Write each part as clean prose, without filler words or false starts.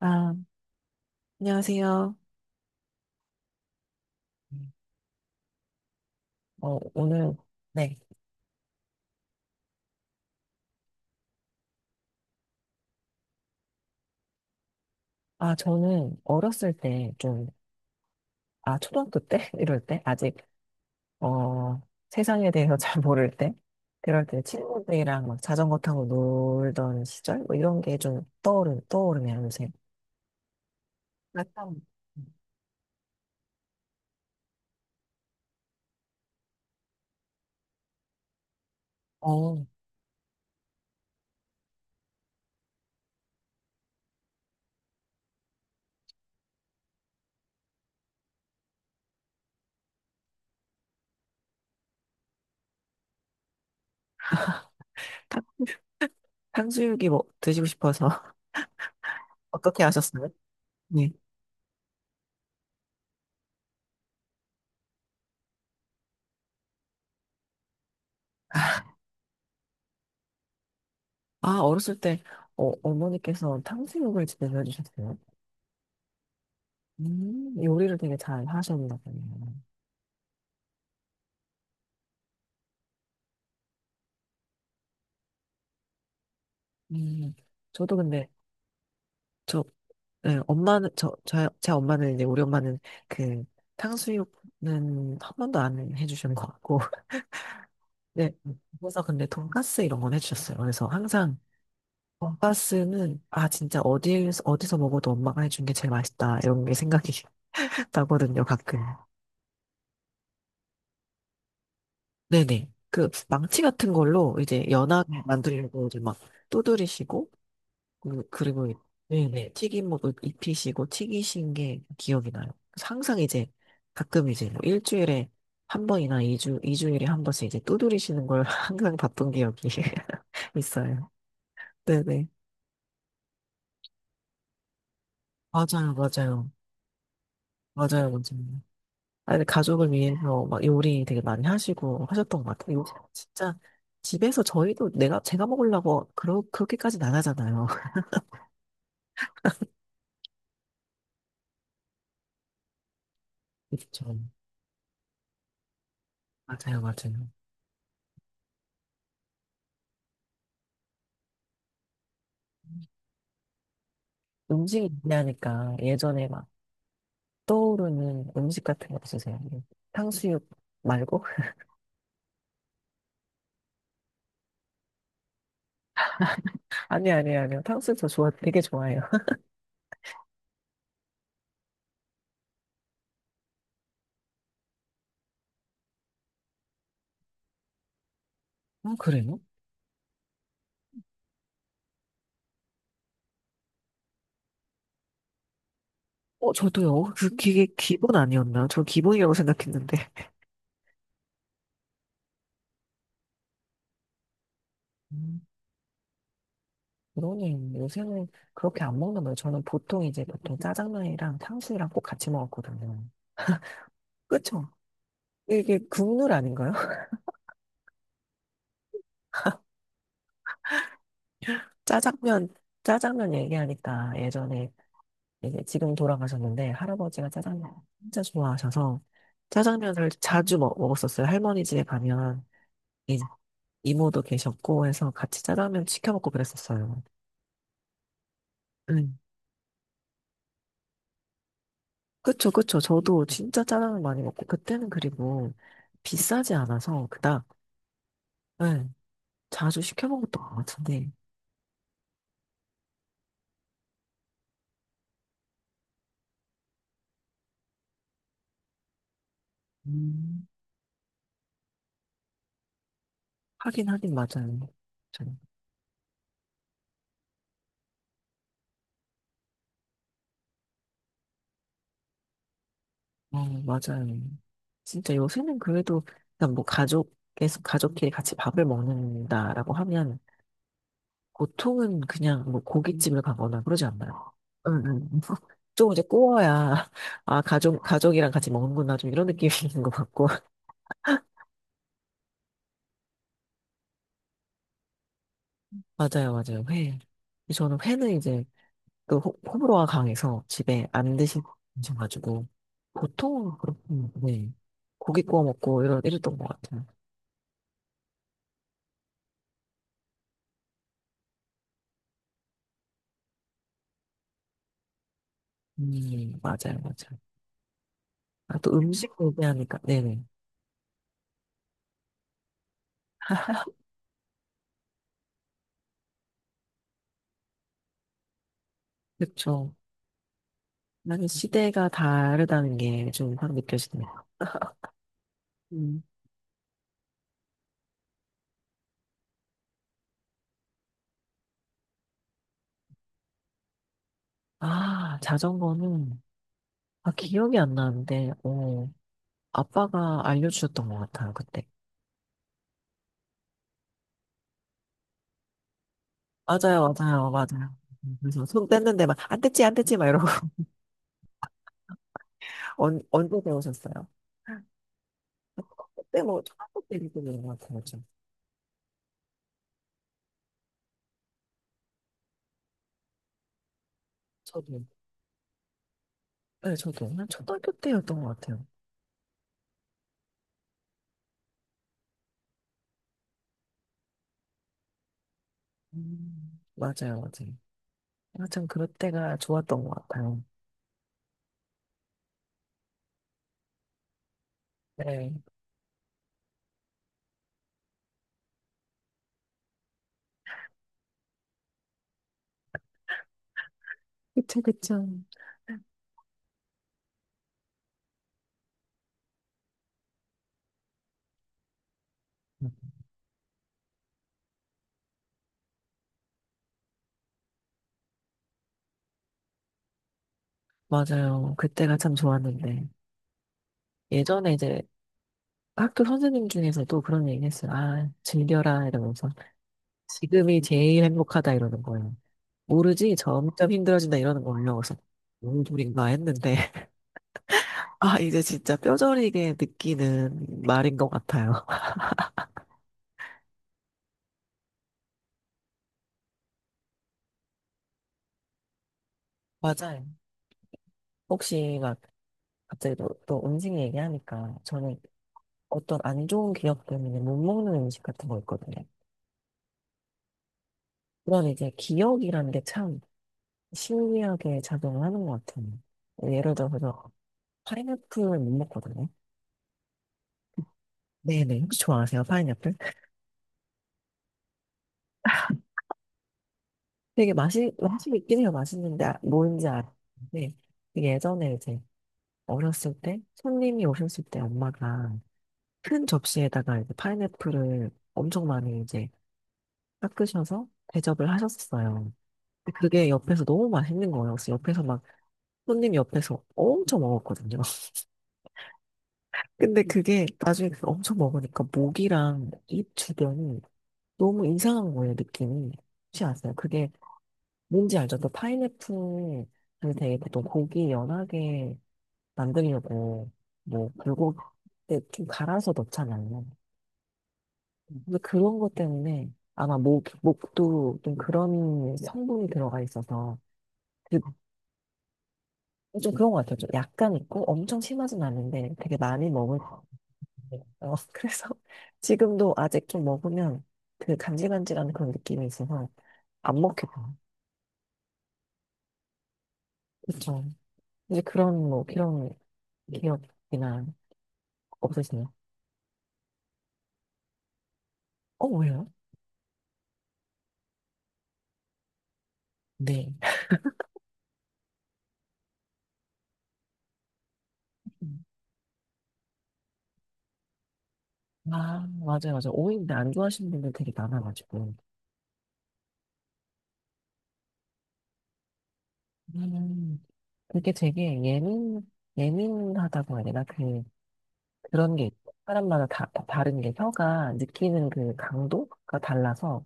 아, 안녕하세요. 오늘, 네. 아, 저는 어렸을 때 좀, 아, 초등학교 때? 이럴 때? 아직, 어, 세상에 대해서 잘 모를 때? 그럴 때 친구들이랑 막 자전거 타고 놀던 시절? 뭐 이런 게 좀 떠오르네요, 요새. 아간 어, 탕, 탕수육이 뭐 드시고 싶어서 어떻게 하셨어요? 네. 아, 어렸을 때, 어머니께서 탕수육을 집에서 해주셨어요. 요리를 되게 잘 하셨나 보네요. 음, 저도 근데, 저, 예, 엄마는, 저, 저, 제 엄마는 이제, 우리 엄마는 그, 탕수육은 한 번도 안 해주신 것 같고, 네, 그래서 근데 돈가스 이런 건 해주셨어요. 그래서 항상 돈가스는, 아, 진짜 어디서 먹어도 엄마가 해준 게 제일 맛있다, 이런 게 생각이 나거든요, 가끔. 네네. 그, 망치 같은 걸로 이제 연하게 만들려고 이제 막 두드리시고, 그리고 네네 튀김옷 입히시고 튀기신 게 기억이 나요. 그래서 항상 이제 가끔 이제 뭐 일주일에 한 번이나 이주이주일에한 번씩 이제 두드리시는 걸 항상 봤던 기억이 있어요. 네네. 맞아요, 맞아요. 맞아요, 맞아요. 아니, 가족을 위해서 막 요리 되게 많이 하시고 하셨던 것 같아요. 요새 진짜 집에서 저희도 제가 먹으려고 그렇게까지는 안 하잖아요. 그렇죠. 맞아요, 맞아요. 음식 얘기하니까 예전에 막 떠오르는 음식 같은 거 없으세요? 탕수육 말고? 아니, 아니, 아니요. 탕수육 저 좋아, 되게 좋아해요. 아, 그래요? 저도요. 그, 그게 기본 아니었나요? 저 기본이라고 생각했는데. 음, 그러네. 요새는 그렇게 안 먹는 거예요. 저는 보통 이제 보통 짜장면이랑 탕수육이랑 꼭 같이 먹었거든요. 그쵸? 이게 국룰 아닌가요? 짜장면, 짜장면 얘기하니까 예전에 이제 지금 돌아가셨는데 할아버지가 짜장면 진짜 좋아하셔서 짜장면을 자주 먹었었어요. 할머니 집에 가면 이- 이모도 계셨고 해서 같이 짜장면 시켜 먹고 그랬었어요. 음. 그쵸, 그쵸. 저도 진짜 짜장면 많이 먹고 그때는 그리고 비싸지 않아서 그닥 네, 자주 시켜 먹었던 것 같은데 음. 하긴 하긴 맞아요. 저- 맞아요. 진짜 요새는 그래도 그냥 뭐 가족 계속 가족끼리 같이 밥을 먹는다라고 하면 보통은 그냥 뭐 고깃집을 가거나 그러지 않나요? 응, 응. 좀 이제 구워야, 아, 가족이랑 같이 먹는구나, 좀 이런 느낌이 있는 것 같고. 맞아요, 맞아요. 회. 저는 회는 이제 그 호불호가 강해서 집에 안 드셔가지고, 보통은 그렇군요. 네. 고기 구워 먹고 이런, 이랬던 것 같아요. 맞아요, 맞아요. 아, 또 음식 얘기하니까, 네네. 그쵸. 나는 시대가 다르다는 게 좀 확 느껴지네요. 아, 자전거는, 아, 기억이 안 나는데, 아빠가 알려주셨던 것 같아요, 그때. 맞아요, 맞아요, 맞아요. 그래서 손 뗐는데 막, 안 뗐지, 안 뗐지, 막 이러고. 언제 배우셨어요? 그때 뭐, 초등학교 때 배우는 것 같아요, 저. 저도. 네, 저도. 한 초등학교 때였던 것 같아요. 맞아요, 맞아요. 아, 참, 그럴 때가 좋았던 것 같아요. 네. 그쵸, 그쵸. 맞아요. 그때가 참 좋았는데. 예전에 이제 학교 선생님 중에서도 그런 얘기 했어요. 아, 즐겨라 이러면서 지금이 제일 행복하다 이러는 거예요. 모르지 점점 힘들어진다 이러는 거예요. 그래서 뭔 소린가 했는데 아, 이제 진짜 뼈저리게 느끼는 말인 것 같아요. 맞아요. 혹시 막 갑자기 또, 또 음식 얘기하니까 저는 어떤 안 좋은 기억 때문에 못 먹는 음식 같은 거 있거든요. 그런 이제 기억이라는 게 참 신기하게 작용을 하는 것 같아요. 예를 들어서 저 파인애플을 못 먹거든요. 네네. 혹시 좋아하세요? 파인애플? 되게 맛이 있긴 해요. 맛있는데, 뭔지 아는데, 되게 예전에 이제 어렸을 때, 손님이 오셨을 때 엄마가 큰 접시에다가 이제 파인애플을 엄청 많이 이제 깎으셔서 대접을 하셨어요. 근데 그게 옆에서 너무 맛있는 거예요. 그래서 옆에서 막, 손님 옆에서 엄청 먹었거든요. 근데 그게 나중에 그거 엄청 먹으니까 목이랑 입 주변이 너무 이상한 거예요, 느낌이. 혹시 아세요? 그게 뭔지 알죠? 또 파인애플을 되게 보통 고기 연하게 만들려고 뭐 불고기 때좀 갈아서 넣잖아요. 근데 그런 것 때문에 아마 목도 좀 그런 성분이 들어가 있어서 그- 좀 그런 것 같아요. 좀 약간 있고 엄청 심하진 않은데 되게 많이 먹을 것 같아요. 어, 그래서 지금도 아직 좀 먹으면 그 간질간질한 그런 느낌이 있어서 안 먹겠다. 그렇죠. 이제 그런 뭐 그런 기억이나 없으시나요? 어, 왜요? 네. 음. 아, 맞아요, 맞아요. 오이인데 안 좋아하시는 분들 되게 많아가지고. 음, 그게 되게 예민하다고 해야 되나? 그, 그런 게 있고. 사람마다 다 다른 게 혀가 느끼는 그 강도가 달라서.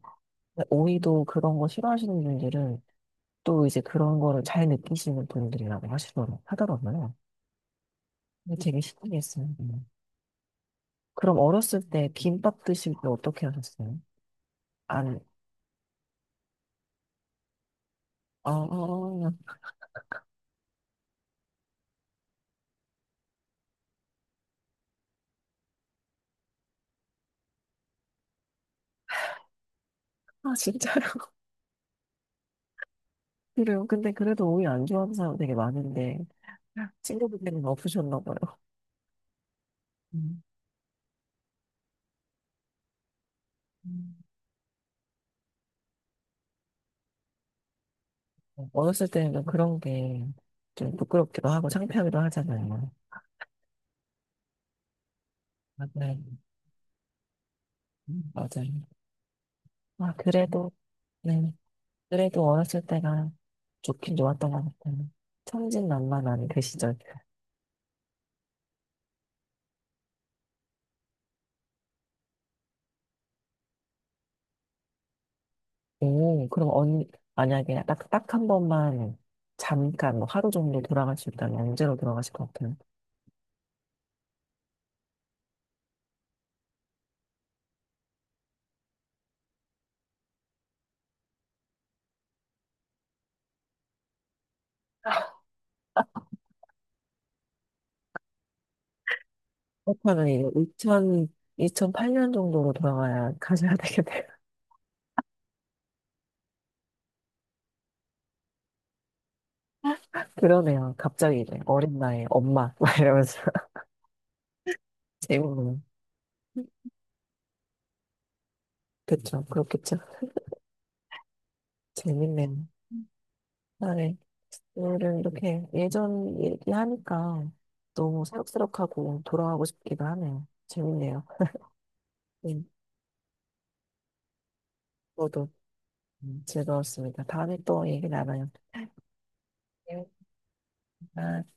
오이도 그런 거 싫어하시는 분들은 또 이제 그런 거를 잘 느끼시는 분들이라고 하시더라고요. 하더라고요. 근데 되게 신기했어요. 음. 그럼 어렸을 때 김밥 드실 때 어떻게 하셨어요? 안, 어, 아, 진짜요? 그래요. 근데 그래도 오이 안 좋아하는 사람 되게 많은데, 친구분들은 없으셨나 봐요. 음, 음. 어렸을 때는 그런 게 좀 부끄럽기도 하고 창피하기도 하잖아요. 네, 맞아요. 맞아요. 아, 그래도, 네. 그래도 어렸을 때가 좋긴 좋았던 것 같아요. 천진난만한 그 시절. 오, 그럼 만약에 딱, 딱 한 번만 잠깐, 뭐 하루 정도 돌아갈 수 있다면 언제로 돌아가실 것 같아요? 그렇다면 이거 2 0 0 2 0 8년 정도로 돌아가야 가셔야 되겠네요. 그러네요. 갑자기 이제 어린 나이에 엄마, 막 이러면서. 재밌네요. 그쵸. 그렇겠죠. 재밌네요. 아, 네. 오늘은 이렇게 예전 얘기하니까 너무 새록새록하고 돌아가고 싶기도 하네요. 재밌네요. 네. 저도 즐거웠습니다. 다음에 또 얘기 나눠요. 네. 아.